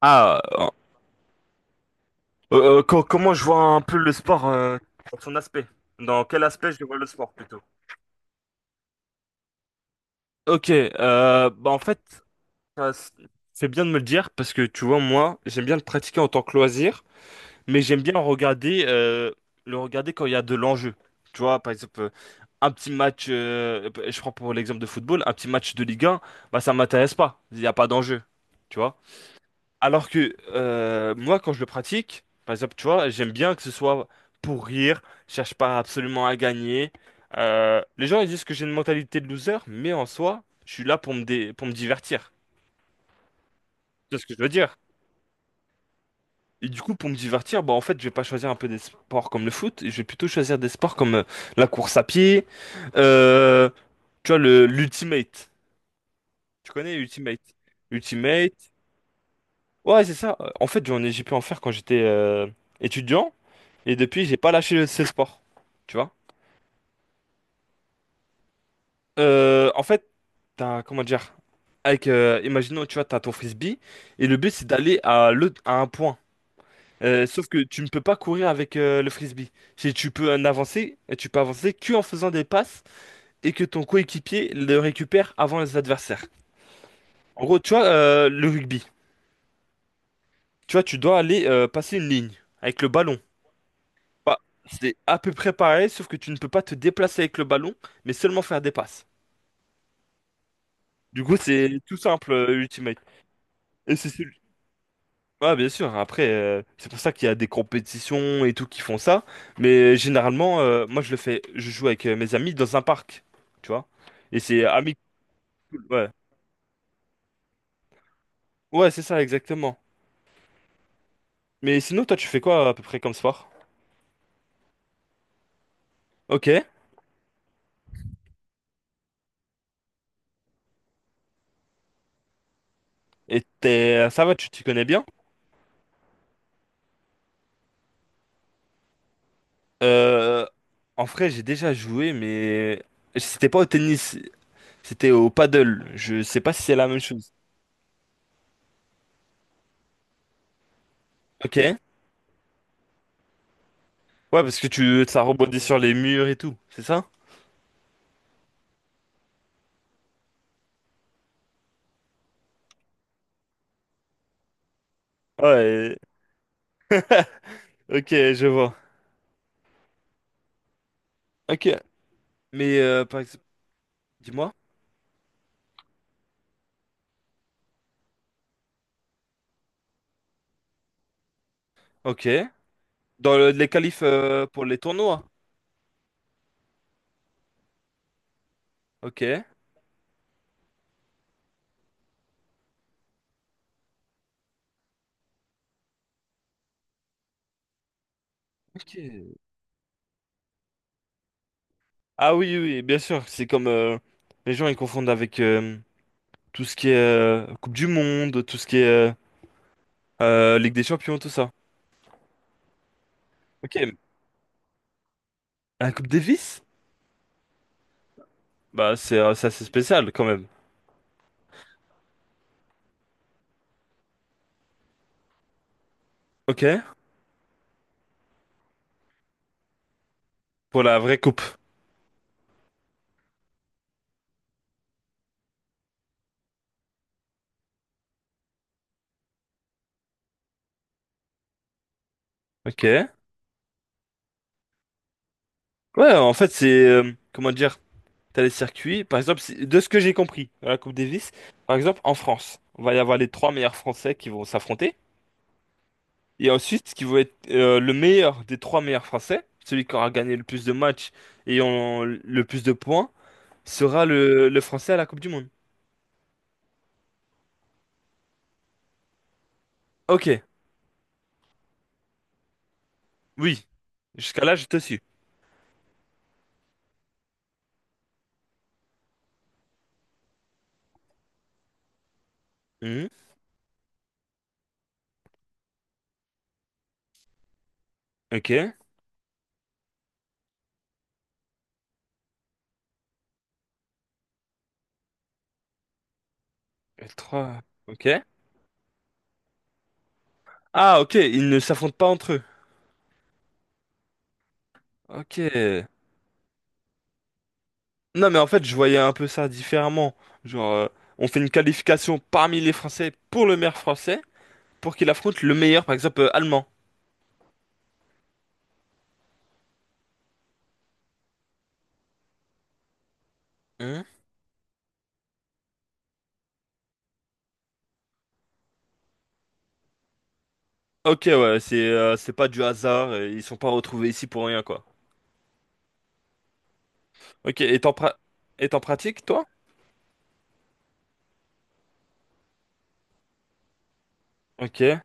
Ah, comment je vois un peu le sport dans son aspect? Dans quel aspect je vois le sport plutôt? Ok, bah en fait, ça s- c'est bien de me le dire parce que tu vois, moi, j'aime bien le pratiquer en tant que loisir, mais j'aime bien regarder, le regarder quand il y a de l'enjeu. Tu vois, par exemple, un petit match, je prends pour l'exemple de football, un petit match de Ligue 1, bah ça m'intéresse pas, il n'y a pas d'enjeu. Tu vois? Alors que moi, quand je le pratique, par exemple, tu vois, j'aime bien que ce soit pour rire, je cherche pas absolument à gagner. Les gens, ils disent que j'ai une mentalité de loser, mais en soi, je suis là pour me divertir. C'est ce que je veux dire. Et du coup, pour me divertir, bah, en fait, je vais pas choisir un peu des sports comme le foot, je vais plutôt choisir des sports comme la course à pied, euh, tu vois, l'Ultimate. Tu connais Ultimate? Ultimate. Ouais, c'est ça. En fait, j'ai pu en faire quand j'étais étudiant. Et depuis, j'ai pas lâché ces sports. Tu vois? En fait, t'as, comment dire? Avec, imaginons, tu vois, t'as ton frisbee, et le but, c'est d'aller à, à un point. Sauf que tu ne peux pas courir avec le frisbee. Si tu peux en avancer, et tu peux avancer qu'en faisant des passes et que ton coéquipier le récupère avant les adversaires. En gros, tu vois, le rugby, tu vois, tu dois aller passer une ligne avec le ballon. Bah, c'est à peu près pareil, sauf que tu ne peux pas te déplacer avec le ballon, mais seulement faire des passes. Du coup, c'est tout simple, Ultimate. Et c'est celui- Ah, bien sûr, après, c'est pour ça qu'il y a des compétitions et tout qui font ça. Mais généralement, moi, je le fais, je joue avec mes amis dans un parc, tu vois. Et c'est amical, ouais. Ouais, c'est ça, exactement. Mais sinon, toi, tu fais quoi à peu près comme sport? Ok. Ça va, tu t'y connais bien? Euh, En vrai, j'ai déjà joué, mais c'était pas au tennis, c'était au paddle. Je sais pas si c'est la même chose. Ok. Ouais, parce que ça rebondit sur les murs et tout, c'est ça? Ouais, ok, je vois. Ok, mais par exemple, dis-moi. Ok. Dans les qualifs pour les tournois. Ok. Ok. Ah oui, oui, oui, bien sûr. C'est comme les gens ils confondent avec tout ce qui est Coupe du Monde, tout ce qui est Ligue des Champions, tout ça. Ok. La Coupe Davis? Bah c'est assez spécial quand même. Ok. Pour la vraie coupe. Ok. Ouais, en fait c'est comment dire? T'as les circuits. Par exemple, de ce que j'ai compris à la Coupe Davis, par exemple, en France, on va y avoir les trois meilleurs Français qui vont s'affronter. Et ensuite, ce qui va être le meilleur des trois meilleurs Français, celui qui aura gagné le plus de matchs le plus de points, sera le Français à la Coupe du Monde. Ok, oui. Jusqu'à là, je te suis. Mhm. Ok. Les trois. Ok. Ah, ok, ils ne s'affrontent pas entre eux. Ok. Non, mais en fait, je voyais un peu ça différemment. Genre, on fait une qualification parmi les Français pour le meilleur français, pour qu'il affronte le meilleur, par exemple, allemand. Hein. Ok, ouais, c'est pas du hasard, ils sont pas retrouvés ici pour rien, quoi. Ok, et t'en pratiques, toi? Ok.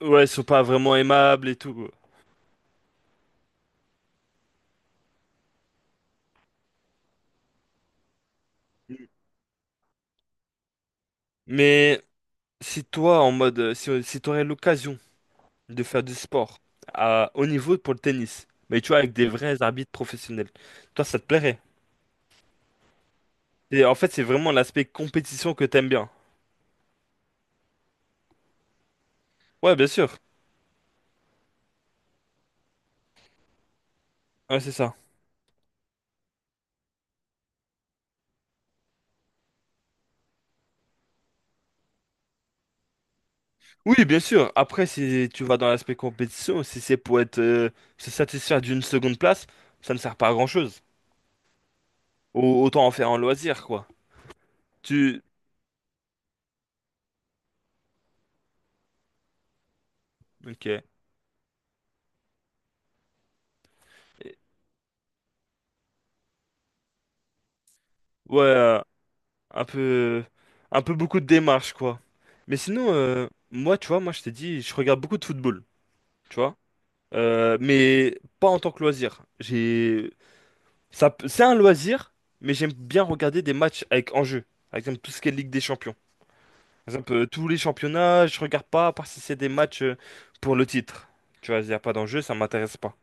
Ouais, ils sont pas vraiment aimables et tout. Mais si toi, en mode, si t'aurais l'occasion de faire du sport à haut niveau pour le tennis, mais tu vois, avec des vrais arbitres professionnels, toi, ça te plairait? Et en fait, c'est vraiment l'aspect compétition que t'aimes bien. Ouais, bien sûr. Ouais, c'est ça. Oui, bien sûr. Après, si tu vas dans l'aspect compétition, si c'est pour être se satisfaire d'une seconde place, ça ne sert pas à grand-chose. Autant en faire un loisir, quoi. Tu... Ok. Et- Ouais, un peu... Un peu beaucoup de démarches, quoi. Mais sinon, moi, tu vois, moi, je t'ai dit, je regarde beaucoup de football, tu vois. Mais pas en tant que loisir. C'est un loisir, mais j'aime bien regarder des matchs avec enjeu. Par exemple, tout ce qui est Ligue des Champions. Par exemple, tous les championnats, je regarde pas, à part si c'est des matchs pour le titre. Tu vois, il n'y a pas d'enjeu, ça m'intéresse pas.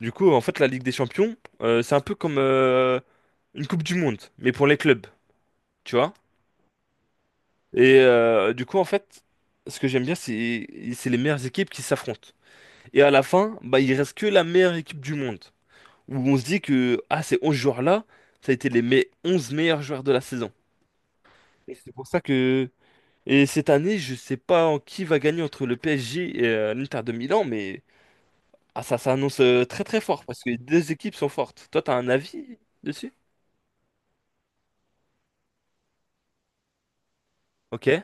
Du coup, en fait, la Ligue des Champions, c'est un peu comme une Coupe du Monde, mais pour les clubs, tu vois. Du coup, en fait, ce que j'aime bien, c'est les meilleures équipes qui s'affrontent. Et à la fin, bah, il reste que la meilleure équipe du monde. Où on se dit que, ah, ces 11 joueurs-là, ça a été 11 meilleurs joueurs de la saison. Et c'est pour ça que. Et cette année, je sais pas en qui va gagner entre le PSG et l'Inter de Milan, mais ah, ça s'annonce très très fort parce que les deux équipes sont fortes. Toi, t'as un avis dessus? Ok,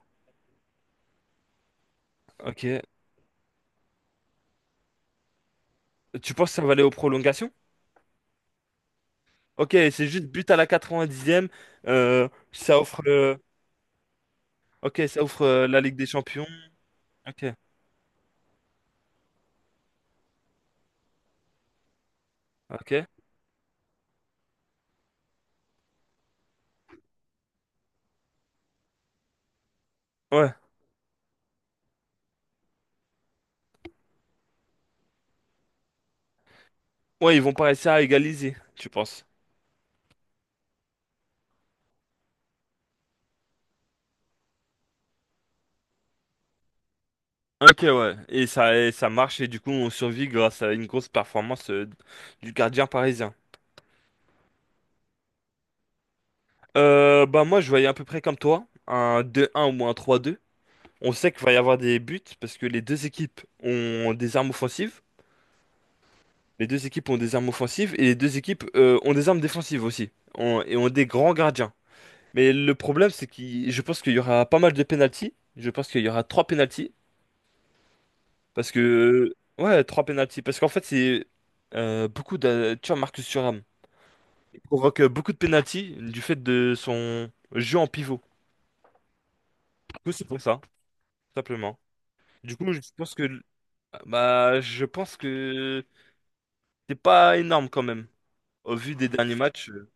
ok. Tu penses que ça va aller aux prolongations? Ok, c'est juste but à la 90e. euh, ça offre, euh, ok, ça offre la Ligue des Champions. Ok, ok. Ouais, ouais, ils vont pas réussir à égaliser, tu penses? Ok, ouais. Et ça marche et du coup, on survit grâce à une grosse performance du gardien parisien. Bah moi je voyais à peu près comme toi, un deux un ou un trois deux. On sait qu'il va y avoir des buts parce que les deux équipes ont des armes offensives, les deux équipes ont des armes offensives et les deux équipes ont des armes défensives aussi et ont des grands gardiens. Mais le problème c'est que je pense qu'il y aura pas mal de pénaltys. Je pense qu'il y aura trois pénaltys parce que ouais trois pénaltys parce qu'en fait c'est beaucoup de tu vois Marcus Thuram il provoque beaucoup de pénaltys du fait de son jeu en pivot. Du coup c'est pour ça simplement. Du coup, je pense que bah je pense que c'est pas énorme quand même. Au vu des derniers matchs,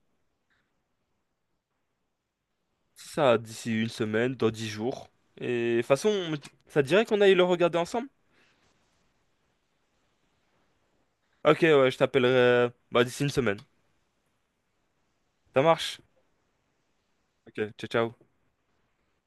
ça d'ici 1 semaine, dans 10 jours. Et de toute façon, ça te dirait qu'on aille le regarder ensemble? Ok, ouais, je t'appellerai bah, d'ici 1 semaine. Ça marche? Ok, ciao, ciao.